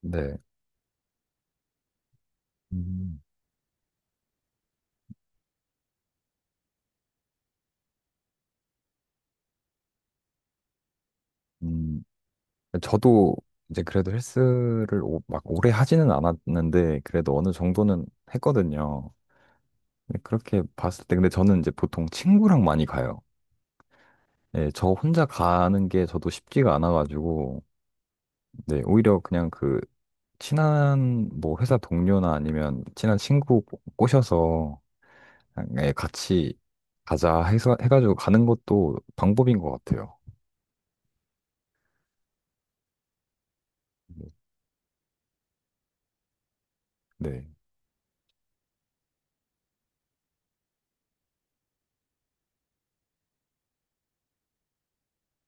네. 음, 음, 저도 이제 그래도 헬스를 막 오래 하지는 않았는데, 그래도 어느 정도는 했거든요. 근데 그렇게 봤을 때, 근데 저는 이제 보통 친구랑 많이 가요. 네, 저 혼자 가는 게 저도 쉽지가 않아가지고, 네, 오히려 그냥 그, 친한 뭐 회사 동료나 아니면 친한 친구 꼬셔서 그냥, 예, 같이 가자 해서 해가지고 가는 것도 방법인 것 같아요. 네.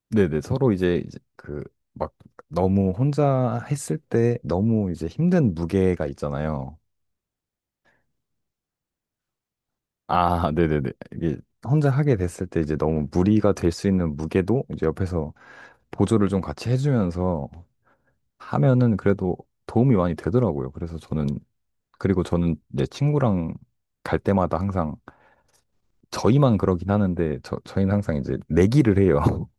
네네, 서로 이제 그, 막, 너무 혼자 했을 때 너무 이제 힘든 무게가 있잖아요. 아, 네네네. 이게 혼자 하게 됐을 때 이제 너무 무리가 될 수 있는 무게도 이제 옆에서 보조를 좀 같이 해주면서 하면은 그래도 도움이 많이 되더라고요. 그래서 저는, 그리고 저는 이제 친구랑 갈 때마다 항상 저희만 그러긴 하는데 저희는 항상 이제 내기를 해요.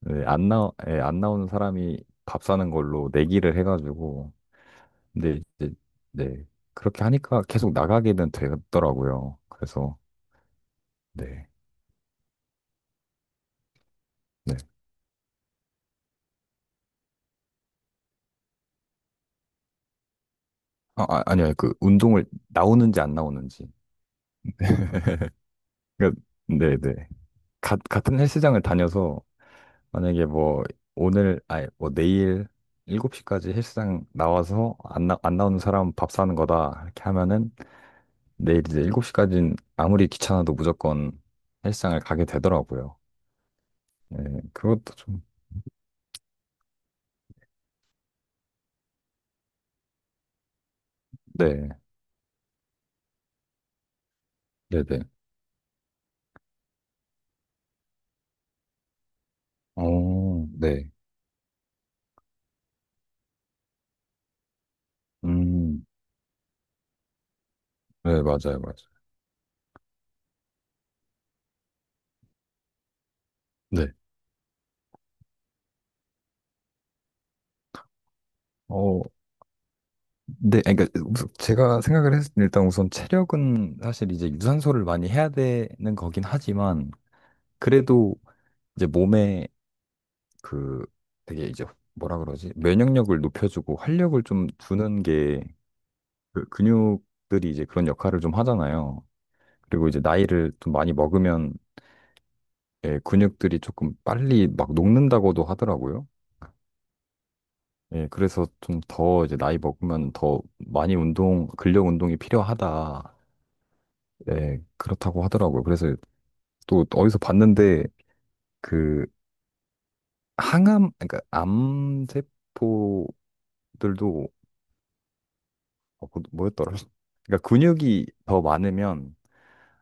네, 안 나, 예, 안 나오는 사람이 밥 사는 걸로 내기를 해가지고 근데 이제 네 그렇게 하니까 계속 나가게는 되더라고요. 그래서 네, 네. 아, 아니요, 그 운동을 나오는지 안 나오는지 그러니까 네네 같은 헬스장을 다녀서 만약에 뭐 오늘 아니 뭐 내일 7시까지 헬스장 나와서 안 나오는 사람 밥 사는 거다 이렇게 하면은 내일 이제 7시까지는 아무리 귀찮아도 무조건 헬스장을 가게 되더라고요. 네, 그것도 좀 네 네네 어 네. 음, 네, 맞아요, 맞아요. 네. 어, 네, 아니, 그러니까 우선 제가 생각을 했을 때 일단 우선 체력은 사실 이제 유산소를 많이 해야 되는 거긴 하지만 그래도 이제 몸에 그 되게 이제 뭐라 그러지? 면역력을 높여주고 활력을 좀 주는 게, 그 근육들이 이제 그런 역할을 좀 하잖아요. 그리고 이제 나이를 좀 많이 먹으면 예, 근육들이 조금 빨리 막 녹는다고도 하더라고요. 예, 그래서 좀 더 이제 나이 먹으면 더 많이 운동, 근력 운동이 필요하다. 예, 그렇다고 하더라고요. 그래서 또 어디서 봤는데 그 항암, 그러니까 암세포들도 어, 그 뭐였더라? 그러니까 근육이 더 많으면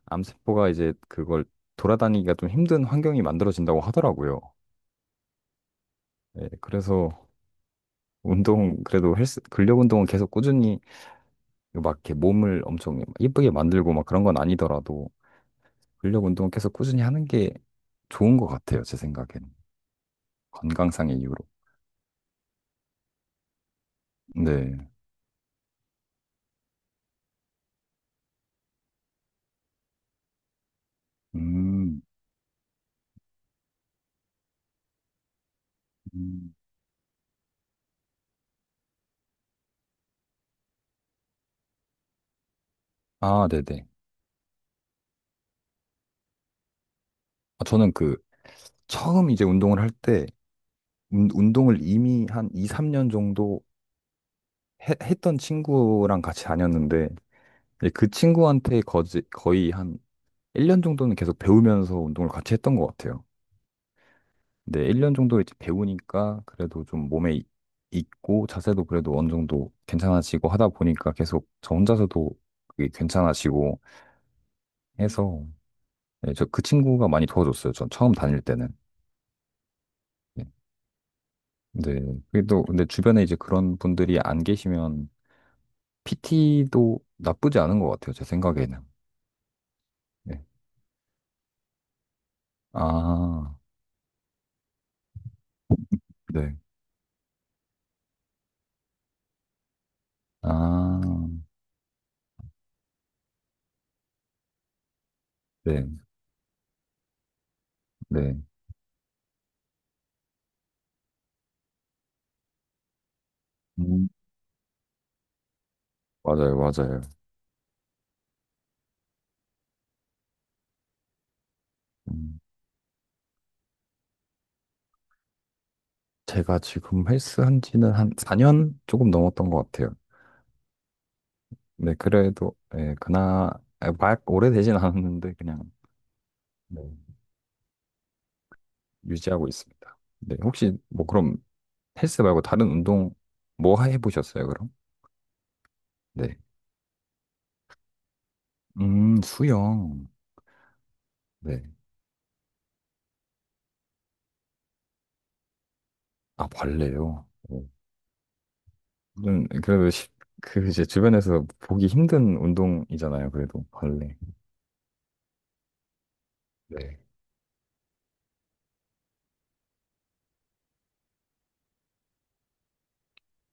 암세포가 이제 그걸 돌아다니기가 좀 힘든 환경이 만들어진다고 하더라고요. 예, 그래서 운동, 그래도 헬스 근력 운동은 계속 꾸준히, 막 이렇게 몸을 엄청 예쁘게 만들고 막 그런 건 아니더라도 근력 운동을 계속 꾸준히 하는 게 좋은 것 같아요, 제 생각에는. 건강상의 이유로. 네. 음. 음. 아, 네네. 아, 저는 그, 처음 이제 운동을 할 때, 운동을 이미 한 2, 3년 정도 했던 친구랑 같이 다녔는데, 이제 그 친구한테 거의 한 1년 정도는 계속 배우면서 운동을 같이 했던 것 같아요. 네, 1년 정도 이제 배우니까 그래도 좀 몸에 익고 자세도 그래도 어느 정도 괜찮아지고 하다 보니까 계속 저 혼자서도 그게 괜찮아지고 해서, 네, 저 그 친구가 많이 도와줬어요. 전 처음 다닐 때는. 네. 근데 그게 또 근데 주변에 이제 그런 분들이 안 계시면 PT도 나쁘지 않은 것 같아요. 제 생각에는. 네. 아, 네. 아, 네. 네. 음, 맞아요, 맞아요. 음. 제가 지금 헬스 한 지는 한 4년 조금 넘었던 것 같아요. 네, 그래도, 예, 그나, 아, 막 오래되진 않았는데, 그냥, 네, 유지하고 있습니다. 네, 혹시, 뭐, 그럼, 헬스 말고 다른 운동, 뭐 해보셨어요, 그럼? 네. 수영. 네. 아, 발레요. 네. 그래도, 그, 이제, 주변에서 보기 힘든 운동이잖아요, 그래도, 발레. 네.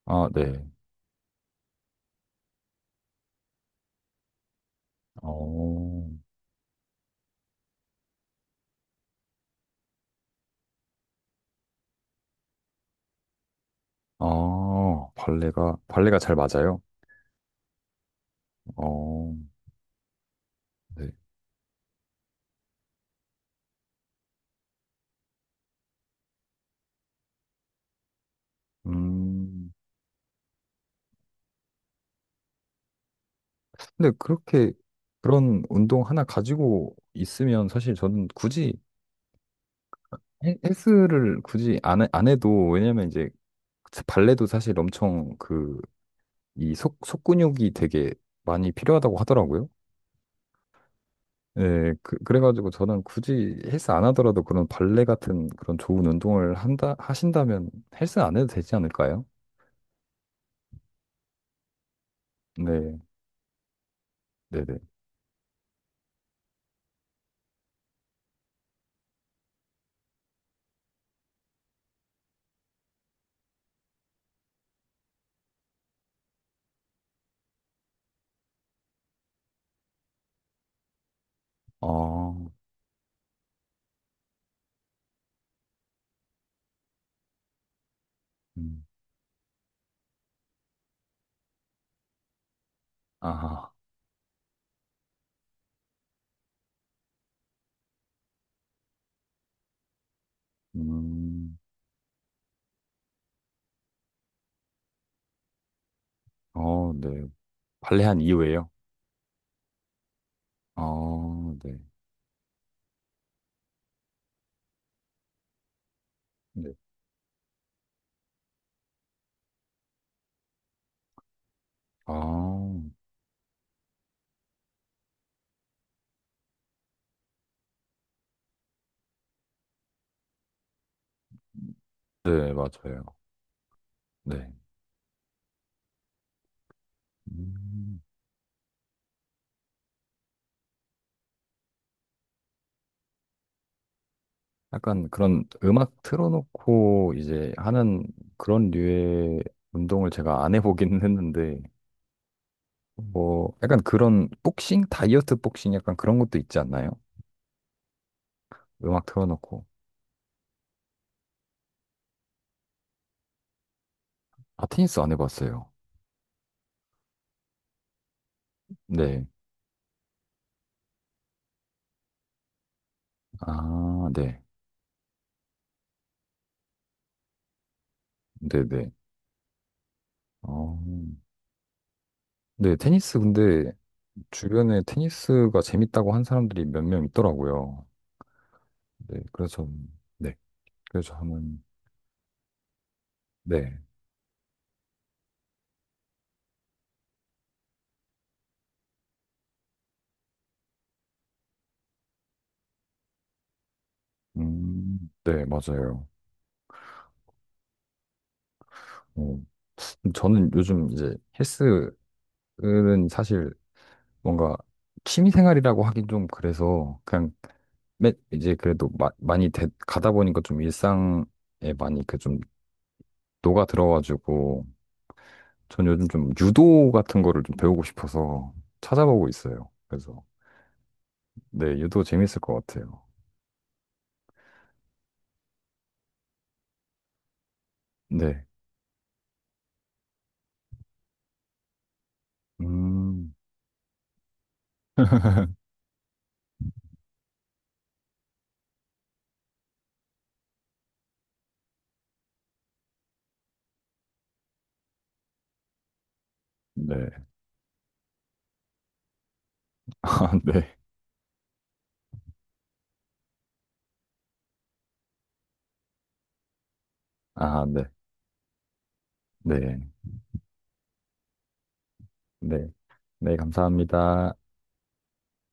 아, 네. 어, 아, 발레가, 발레가 잘 맞아요? 어. 네. 음, 근데 그렇게 그런 운동 하나 가지고 있으면 사실 저는 굳이 헬스를 굳이 안 해도, 왜냐면 이제 발레도 사실 엄청 그 이 속 근육이 되게 많이 필요하다고 하더라고요. 예, 그, 그래가지고 저는 굳이 헬스 안 하더라도 그런 발레 같은 그런 좋은 운동을 하신다면 헬스 안 해도 되지 않을까요? 네, 네네. 아, 음, 아하, 음, 어, 네. 발레 한 이후에요. 아, 네. 네. 아, 네, 맞아요. 네. 음, 약간 그런 음악 틀어놓고 이제 하는 그런 류의 운동을 제가 안 해보긴 했는데, 뭐, 약간 그런 복싱? 다이어트 복싱 약간 그런 것도 있지 않나요? 음악 틀어놓고. 아, 테니스 안 해봤어요. 네. 아, 네. 네네. 어, 네, 테니스 근데 주변에 테니스가 재밌다고 한 사람들이 몇 명 있더라고요. 네, 그래서, 네. 그래서 하는, 네. 네, 맞아요. 어, 저는 요즘 이제 헬스는 사실 뭔가 취미 생활이라고 하긴 좀 그래서 그냥, 이제 그래도 많이 가다 보니까 좀 일상에 많이 그 좀 녹아 들어가지고 전 요즘 좀 유도 같은 거를 좀 배우고 싶어서 찾아보고 있어요. 그래서 네, 유도 재밌을 것 같아요. 네. 음, 네. 아, 네. 아, 네. 네. 네. 네, 감사합니다.